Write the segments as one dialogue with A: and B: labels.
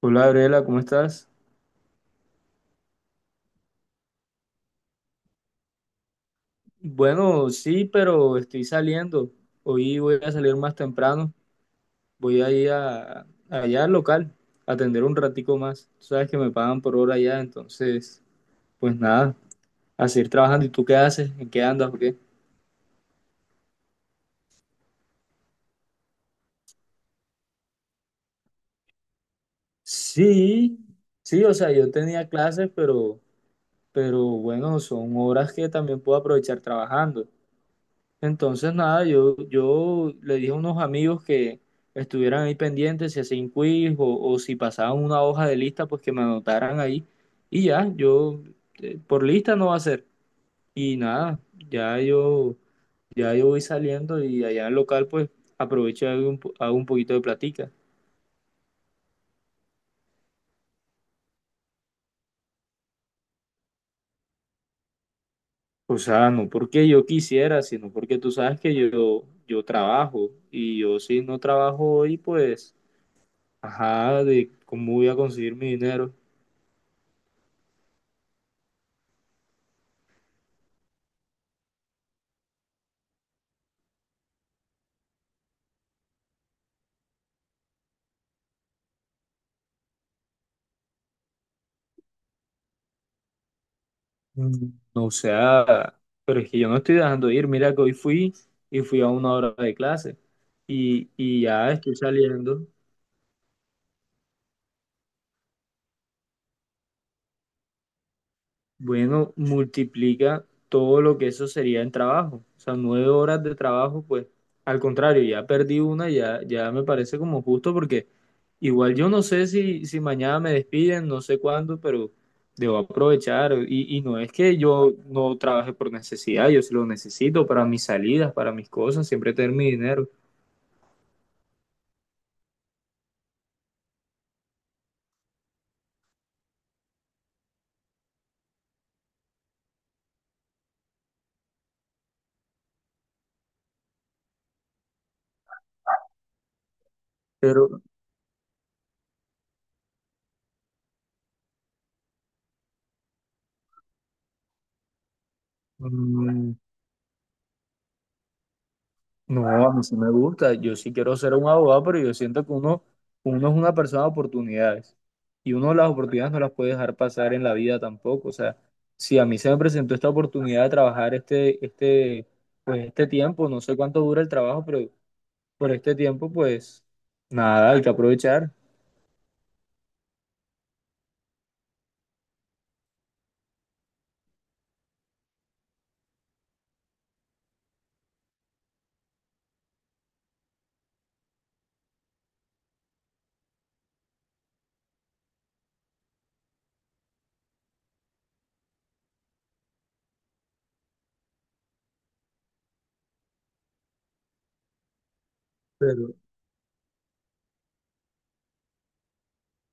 A: Hola, Gabriela, ¿cómo estás? Bueno, sí, pero estoy saliendo. Hoy voy a salir más temprano. Voy a ir allá al local, a atender un ratico más. Tú sabes que me pagan por hora allá, entonces, pues nada, a seguir trabajando. ¿Y tú qué haces? ¿En qué andas o qué? Sí, sí, o sea, yo tenía clases, pero bueno, son horas que también puedo aprovechar trabajando. Entonces, nada, yo le dije a unos amigos que estuvieran ahí pendientes si hacían quiz o si pasaban una hoja de lista, pues que me anotaran ahí. Y ya, yo por lista no va a ser. Y nada, ya yo, ya yo voy saliendo y allá en el local, pues aprovecho y hago un poquito de platica. O sea, no porque yo quisiera, sino porque tú sabes que yo trabajo y yo si no trabajo hoy, pues, ajá, de cómo voy a conseguir mi dinero. Mm. O sea, pero es que yo no estoy dejando de ir. Mira que hoy fui y fui a 1 hora de clase y ya estoy saliendo. Bueno, multiplica todo lo que eso sería en trabajo. O sea, 9 horas de trabajo, pues al contrario, ya perdí una, ya, ya me parece como justo porque igual yo no sé si, si mañana me despiden, no sé cuándo, pero debo aprovechar. Y no es que yo no trabaje por necesidad, yo sí lo necesito para mis salidas, para mis cosas, siempre tener mi dinero. pero Mm, No, a mí sí me gusta. Yo sí quiero ser un abogado, pero yo siento que uno, uno es una persona de oportunidades y uno las oportunidades no las puede dejar pasar en la vida tampoco. O sea, si a mí se me presentó esta oportunidad de trabajar pues este tiempo, no sé cuánto dura el trabajo, pero por este tiempo, pues nada, hay que aprovechar. Pero,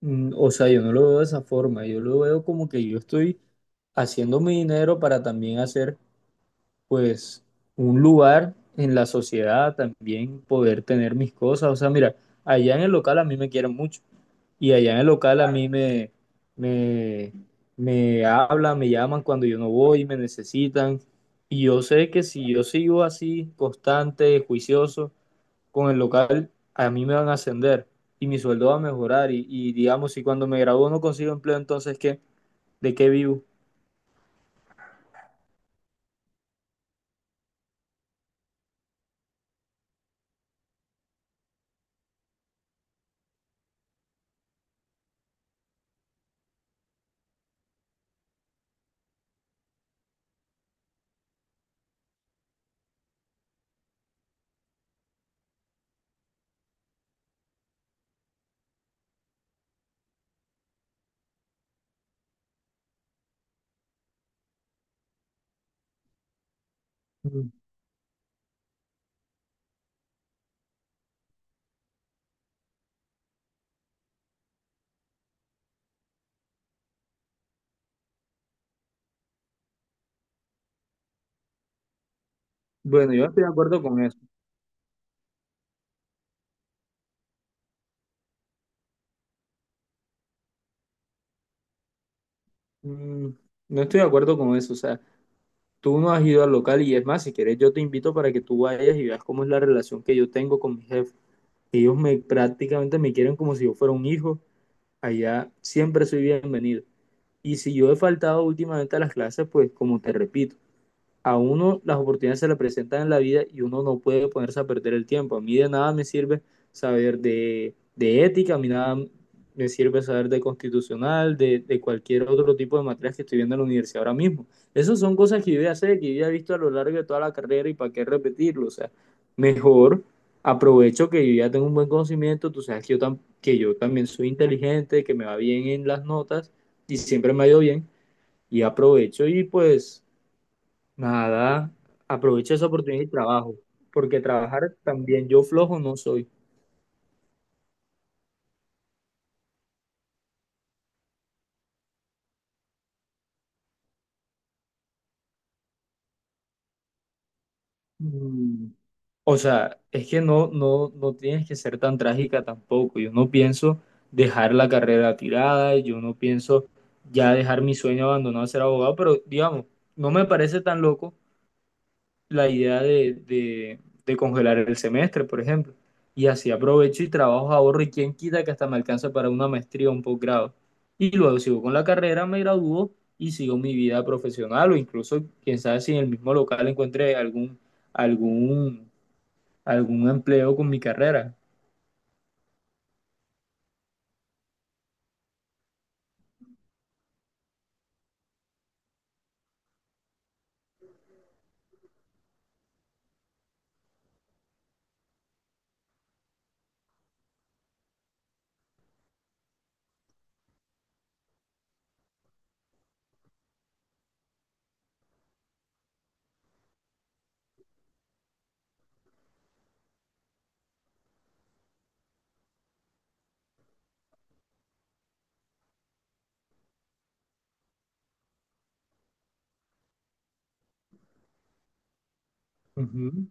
A: o sea, yo no lo veo de esa forma. Yo lo veo como que yo estoy haciendo mi dinero para también hacer pues un lugar en la sociedad también, poder tener mis cosas. O sea, mira, allá en el local a mí me quieren mucho y allá en el local a mí me, me hablan, me llaman cuando yo no voy, me necesitan. Y yo sé que si yo sigo así, constante, juicioso, con el local, a mí me van a ascender y mi sueldo va a mejorar. Y digamos, si cuando me gradúo no consigo empleo, entonces, ¿qué? ¿De qué vivo? Mm. Bueno, yo estoy de acuerdo con eso. Mm, No estoy de acuerdo con eso, o sea, tú no has ido al local y es más, si quieres yo te invito para que tú vayas y veas cómo es la relación que yo tengo con mi jefe. Ellos me prácticamente me quieren como si yo fuera un hijo, allá siempre soy bienvenido. Y si yo he faltado últimamente a las clases, pues como te repito, a uno las oportunidades se le presentan en la vida y uno no puede ponerse a perder el tiempo. A mí de nada me sirve saber de ética, a mí nada me sirve saber de constitucional, cualquier otro tipo de materias que estoy viendo en la universidad ahora mismo. Esas son cosas que yo ya sé, que yo ya he visto a lo largo de toda la carrera y para qué repetirlo. O sea, mejor aprovecho que yo ya tengo un buen conocimiento, tú sabes que yo también soy inteligente, que me va bien en las notas y siempre me ha ido bien y aprovecho y pues nada, aprovecha esa oportunidad y trabajo, porque trabajar también yo flojo no soy. Mm, O sea, es que no, no, no tienes que ser tan trágica tampoco. Yo no pienso dejar la carrera tirada, yo no pienso ya dejar mi sueño abandonado de ser abogado, pero digamos, no me parece tan loco la idea de congelar el semestre, por ejemplo. Y así aprovecho y trabajo, ahorro y quién quita que hasta me alcanza para una maestría o un posgrado. Y luego sigo con la carrera, me gradúo y sigo mi vida profesional o incluso, quién sabe si en el mismo local encuentre algún, algún empleo con mi carrera. Ujú.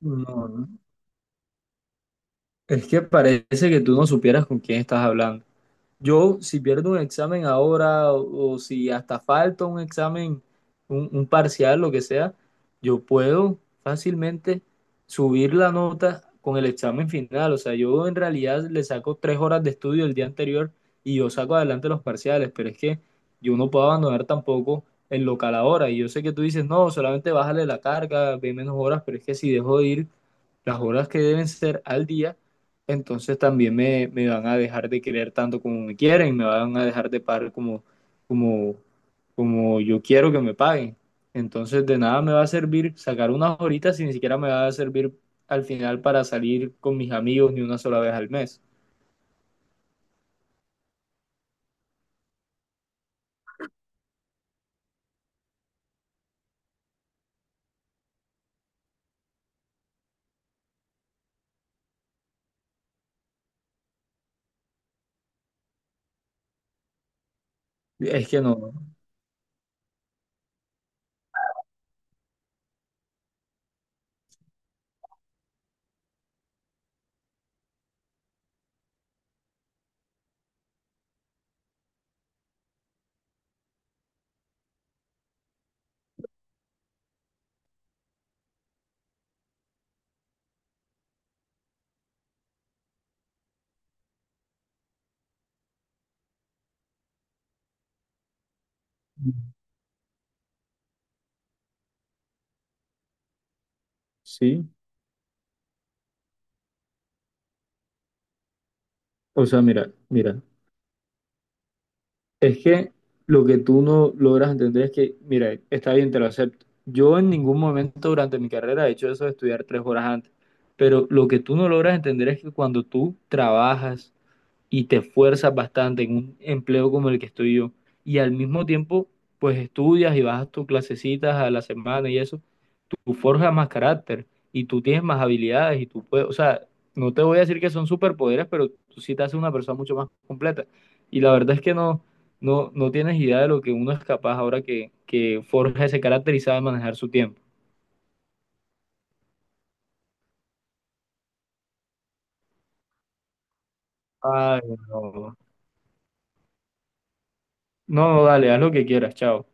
A: No, no. Es que parece que tú no supieras con quién estás hablando. Yo, si pierdo un examen ahora o si hasta falta un examen, un parcial, lo que sea, yo puedo fácilmente subir la nota con el examen final. O sea, yo en realidad le saco 3 horas de estudio el día anterior y yo saco adelante los parciales, pero es que yo no puedo abandonar tampoco el local ahora. Y yo sé que tú dices, no, solamente bájale la carga, ve menos horas, pero es que si dejo de ir las horas que deben ser al día, entonces también me van a dejar de querer tanto como me quieren y me van a dejar de pagar como, como yo quiero que me paguen. Entonces de nada me va a servir sacar unas horitas y ni siquiera me va a servir al final para salir con mis amigos ni una sola vez al mes. Es que no. Sí, o sea, mira, mira. Es que lo que tú no logras entender es que, mira, está bien, te lo acepto. Yo en ningún momento durante mi carrera he hecho eso de estudiar 3 horas antes, pero lo que tú no logras entender es que cuando tú trabajas y te esfuerzas bastante en un empleo como el que estoy yo, y al mismo tiempo, pues estudias y vas a tus clasecitas a la semana y eso, tú forjas más carácter y tú tienes más habilidades y tú puedes, o sea, no te voy a decir que son superpoderes, pero tú sí te haces una persona mucho más completa. Y la verdad es que no tienes idea de lo que uno es capaz ahora que forja ese carácter y sabe manejar su tiempo. Ay, no. No, no, dale, haz lo que quieras, chao.